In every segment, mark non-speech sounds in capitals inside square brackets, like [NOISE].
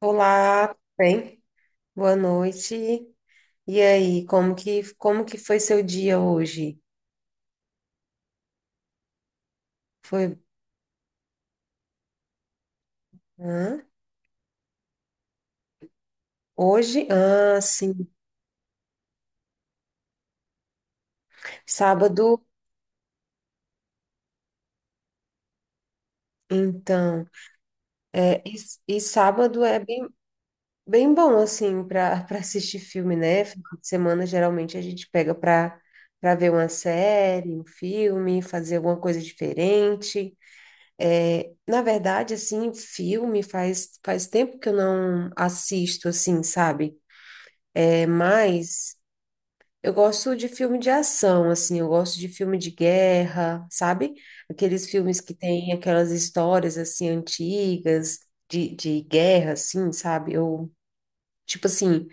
Olá, tudo bem? Boa noite. E aí, como que foi seu dia hoje? Foi hã? Hoje? Ah, sim. Sábado, então. É, e, e sábado é bem, bem bom assim para [LAUGHS] assistir filme, né? Final de semana geralmente a gente pega para ver uma série, um filme, fazer alguma coisa diferente. É, na verdade, assim, filme faz tempo que eu não assisto assim, sabe? É mais, eu gosto de filme de ação, assim, eu gosto de filme de guerra, sabe? Aqueles filmes que tem aquelas histórias, assim, antigas, de guerra, assim, sabe? Eu, tipo assim,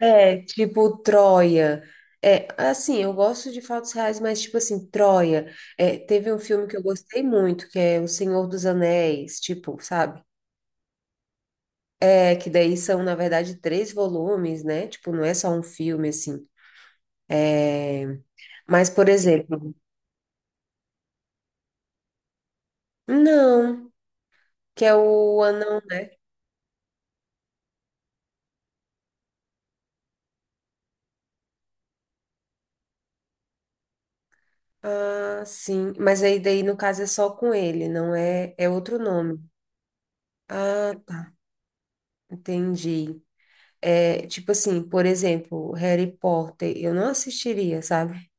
é, tipo Troia. É, assim, eu gosto de fatos reais, mas tipo assim, Troia. É, teve um filme que eu gostei muito, que é O Senhor dos Anéis, tipo, sabe? É, que daí são, na verdade, três volumes, né? Tipo, não é só um filme, assim. É, mas, por exemplo, não, que é o anão. Né? Ah, sim. Mas aí daí no caso é só com ele, não é? É outro nome. Ah, tá. Entendi. É tipo assim, por exemplo, Harry Potter, eu não assistiria, sabe?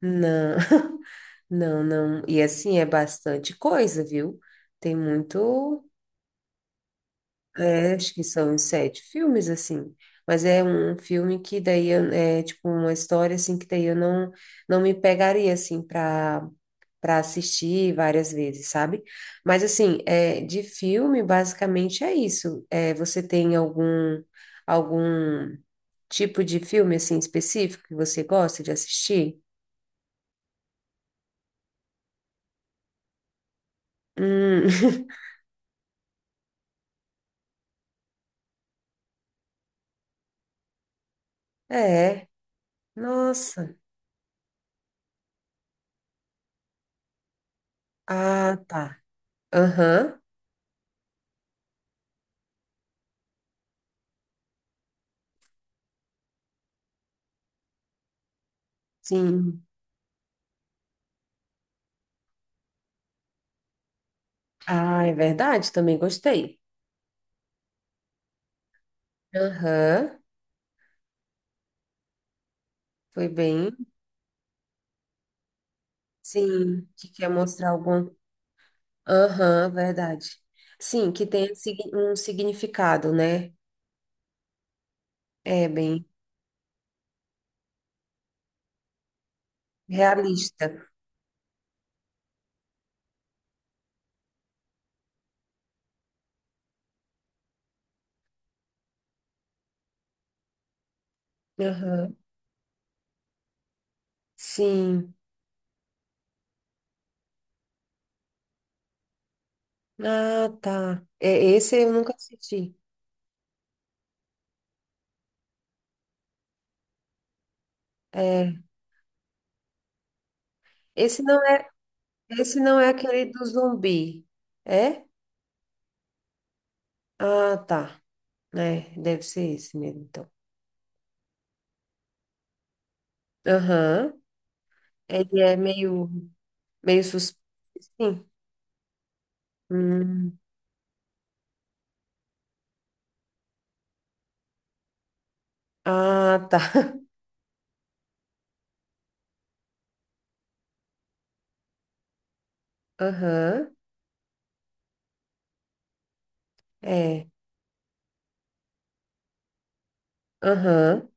Não, [LAUGHS] não. E assim é bastante coisa, viu? Tem muito. É, acho que são uns sete filmes assim. Mas é um filme que daí eu- é tipo uma história assim que daí eu não me pegaria assim para assistir várias vezes, sabe? Mas assim, é, de filme, basicamente é isso. É, você tem algum tipo de filme assim específico que você gosta de assistir? Hum, [LAUGHS] é. Nossa. Ah, tá. Aham. Sim. Ah, é verdade, também gostei. Aham. Foi bem. Sim, que quer mostrar algum. Aham, verdade. Sim, que tem sig- um significado, né? É bem realista. Aham. Sim. Ah, tá. É, esse eu nunca assisti. É. Esse não é, esse não é aquele do zumbi. É? Ah, tá. É, deve ser esse mesmo, então. Aham. Ele é meio, meio suspeito, sim. Hum. Ah, tá. [LAUGHS] Aham. É. Aham.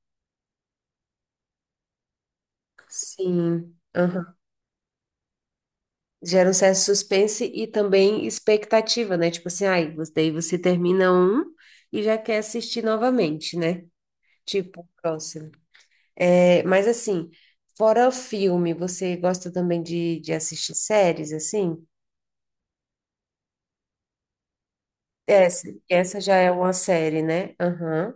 Sim. Aham. Gera um certo suspense e também expectativa, né? Tipo assim, ai, você- daí você termina um e já quer assistir novamente, né? Tipo, o próximo. É, mas assim, fora o filme, você gosta também de assistir séries, assim? Essa já é uma série, né? Aham.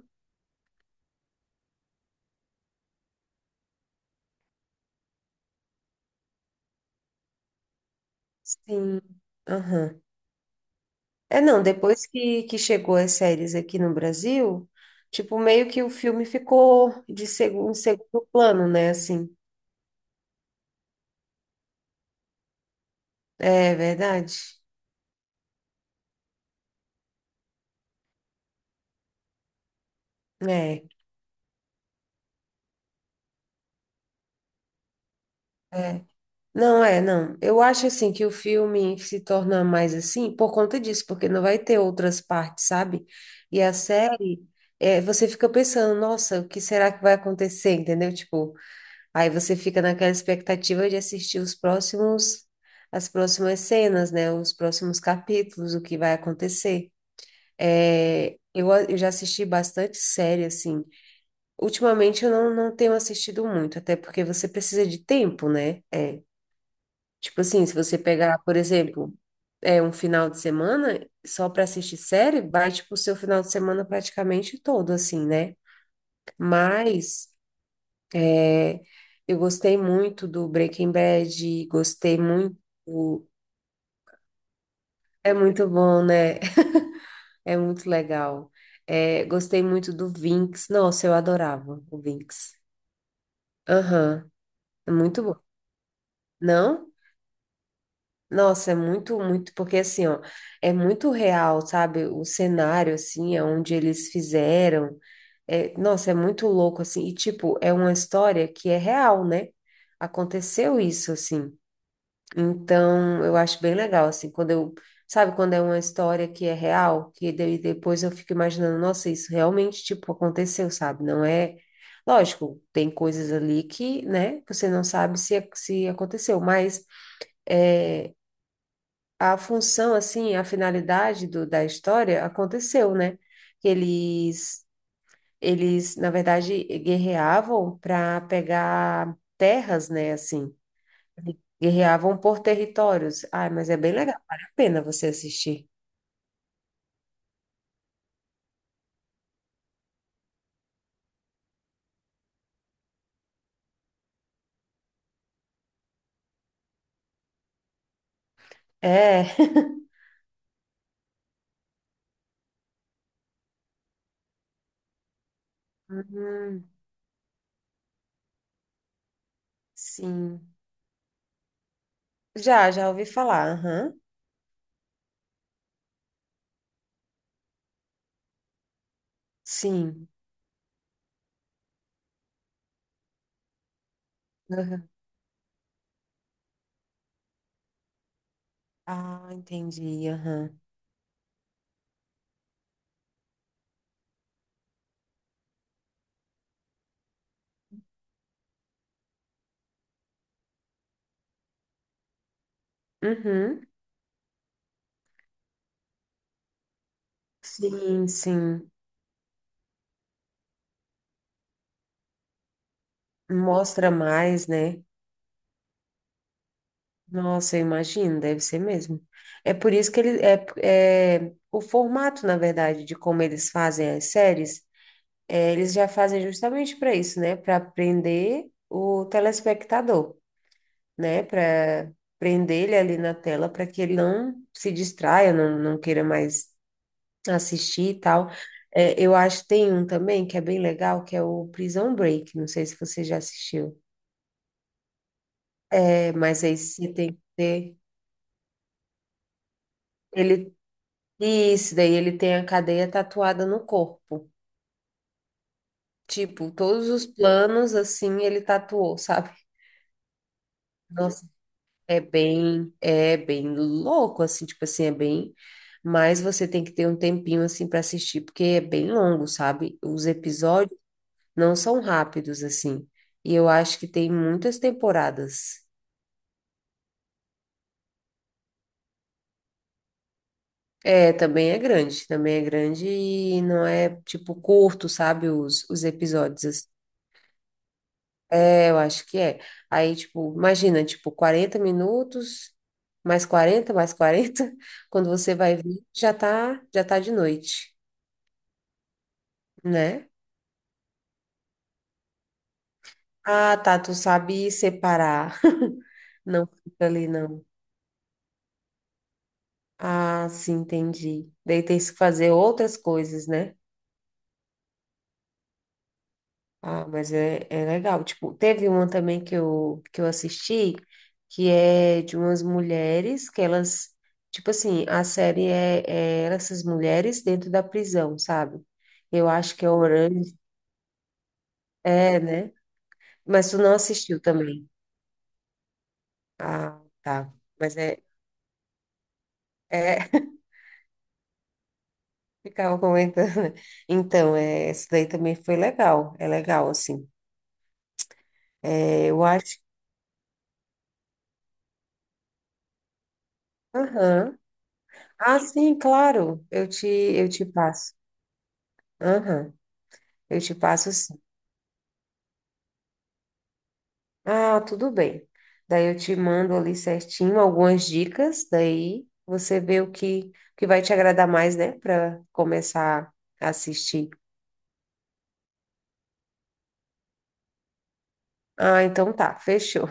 Sim. Aham. É, não, depois que chegou as séries aqui no Brasil, tipo, meio que o filme ficou de segundo, em segundo plano, né? Assim, é verdade. É, é. Não, é, não. Eu acho assim que o filme se torna mais assim por conta disso, porque não vai ter outras partes, sabe? E a série, é, você fica pensando, nossa, o que será que vai acontecer, entendeu? Tipo, aí você fica naquela expectativa de assistir os próximos, as próximas cenas, né? Os próximos capítulos, o que vai acontecer. É, eu, a- eu já assisti bastante série, assim. Ultimamente eu não tenho assistido muito, até porque você precisa de tempo, né? É, tipo assim, se você pegar, por exemplo, é um final de semana só para assistir série, vai tipo o seu final de semana praticamente todo, assim, né? Mas é, eu gostei muito do Breaking Bad, gostei muito. É muito bom, né? [LAUGHS] É muito legal. É, gostei muito do Vinx. Nossa, eu adorava o Vinx. Aham, é muito bom. Não? Nossa, é porque assim, ó, é muito real, sabe? O cenário, assim, é onde eles fizeram. É, nossa, é muito louco, assim. E, tipo, é uma história que é real, né? Aconteceu isso, assim. Então, eu acho bem legal, assim, quando eu. Sabe, quando é uma história que é real, que daí depois eu fico imaginando, nossa, isso realmente, tipo, aconteceu, sabe? Não é. Lógico, tem coisas ali que, né, você não sabe se aconteceu, mas. É, a função, assim, a finalidade do, da história aconteceu, né? Que eles, na verdade, guerreavam para pegar terras, né? Assim, guerreavam por territórios. Ai, mas é bem legal, vale a pena você assistir. É. [LAUGHS] Uhum, sim. Já ouvi falar. Aham. Sim. Aham. Ah, entendi. Aham. Uhum. Sim, sim. Mostra mais, né? Nossa, eu imagino, deve ser mesmo. É por isso que eles é, é o formato, na verdade, de como eles fazem as séries, é, eles já fazem justamente para isso, né? Para prender o telespectador, né? Para prender ele ali na tela para que ele não se distraia, não queira mais assistir e tal. É, eu acho que tem um também que é bem legal, que é o Prison Break. Não sei se você já assistiu, é, mas aí você tem que ter. Ele isso, daí ele tem a cadeia tatuada no corpo. Tipo, todos os planos, assim, ele tatuou, sabe? Nossa, é bem louco, assim, tipo assim, é bem. Mas você tem que ter um tempinho, assim, para assistir, porque é bem longo, sabe? Os episódios não são rápidos, assim. E eu acho que tem muitas temporadas. É, também é grande e não é, tipo, curto, sabe? Os episódios, é, eu acho que é. Aí, tipo, imagina, tipo, 40 minutos, mais 40 mais 40 [LAUGHS] quando você vai ver, já tá de noite, né? Ah, tá, tu sabe separar. [LAUGHS] Não fica ali, não. Ah, sim, entendi. Daí tem que fazer outras coisas, né? Ah, mas é, é legal. Tipo, teve uma também que eu assisti, que é de umas mulheres que elas, tipo assim, a série é, é essas mulheres dentro da prisão, sabe? Eu acho que é Orange, é, né? Mas tu não assistiu também. Ah, tá. Mas é, é, [LAUGHS] ficava comentando. Né? Então, é, essa daí também foi legal. É legal, assim. É, eu acho. Aham. Ah, sim, claro. Eu te passo. Aham. Eu te passo assim. Ah, tudo bem. Daí eu te mando ali certinho algumas dicas, daí você vê o que vai te agradar mais, né, para começar a assistir. Ah, então tá, fechou.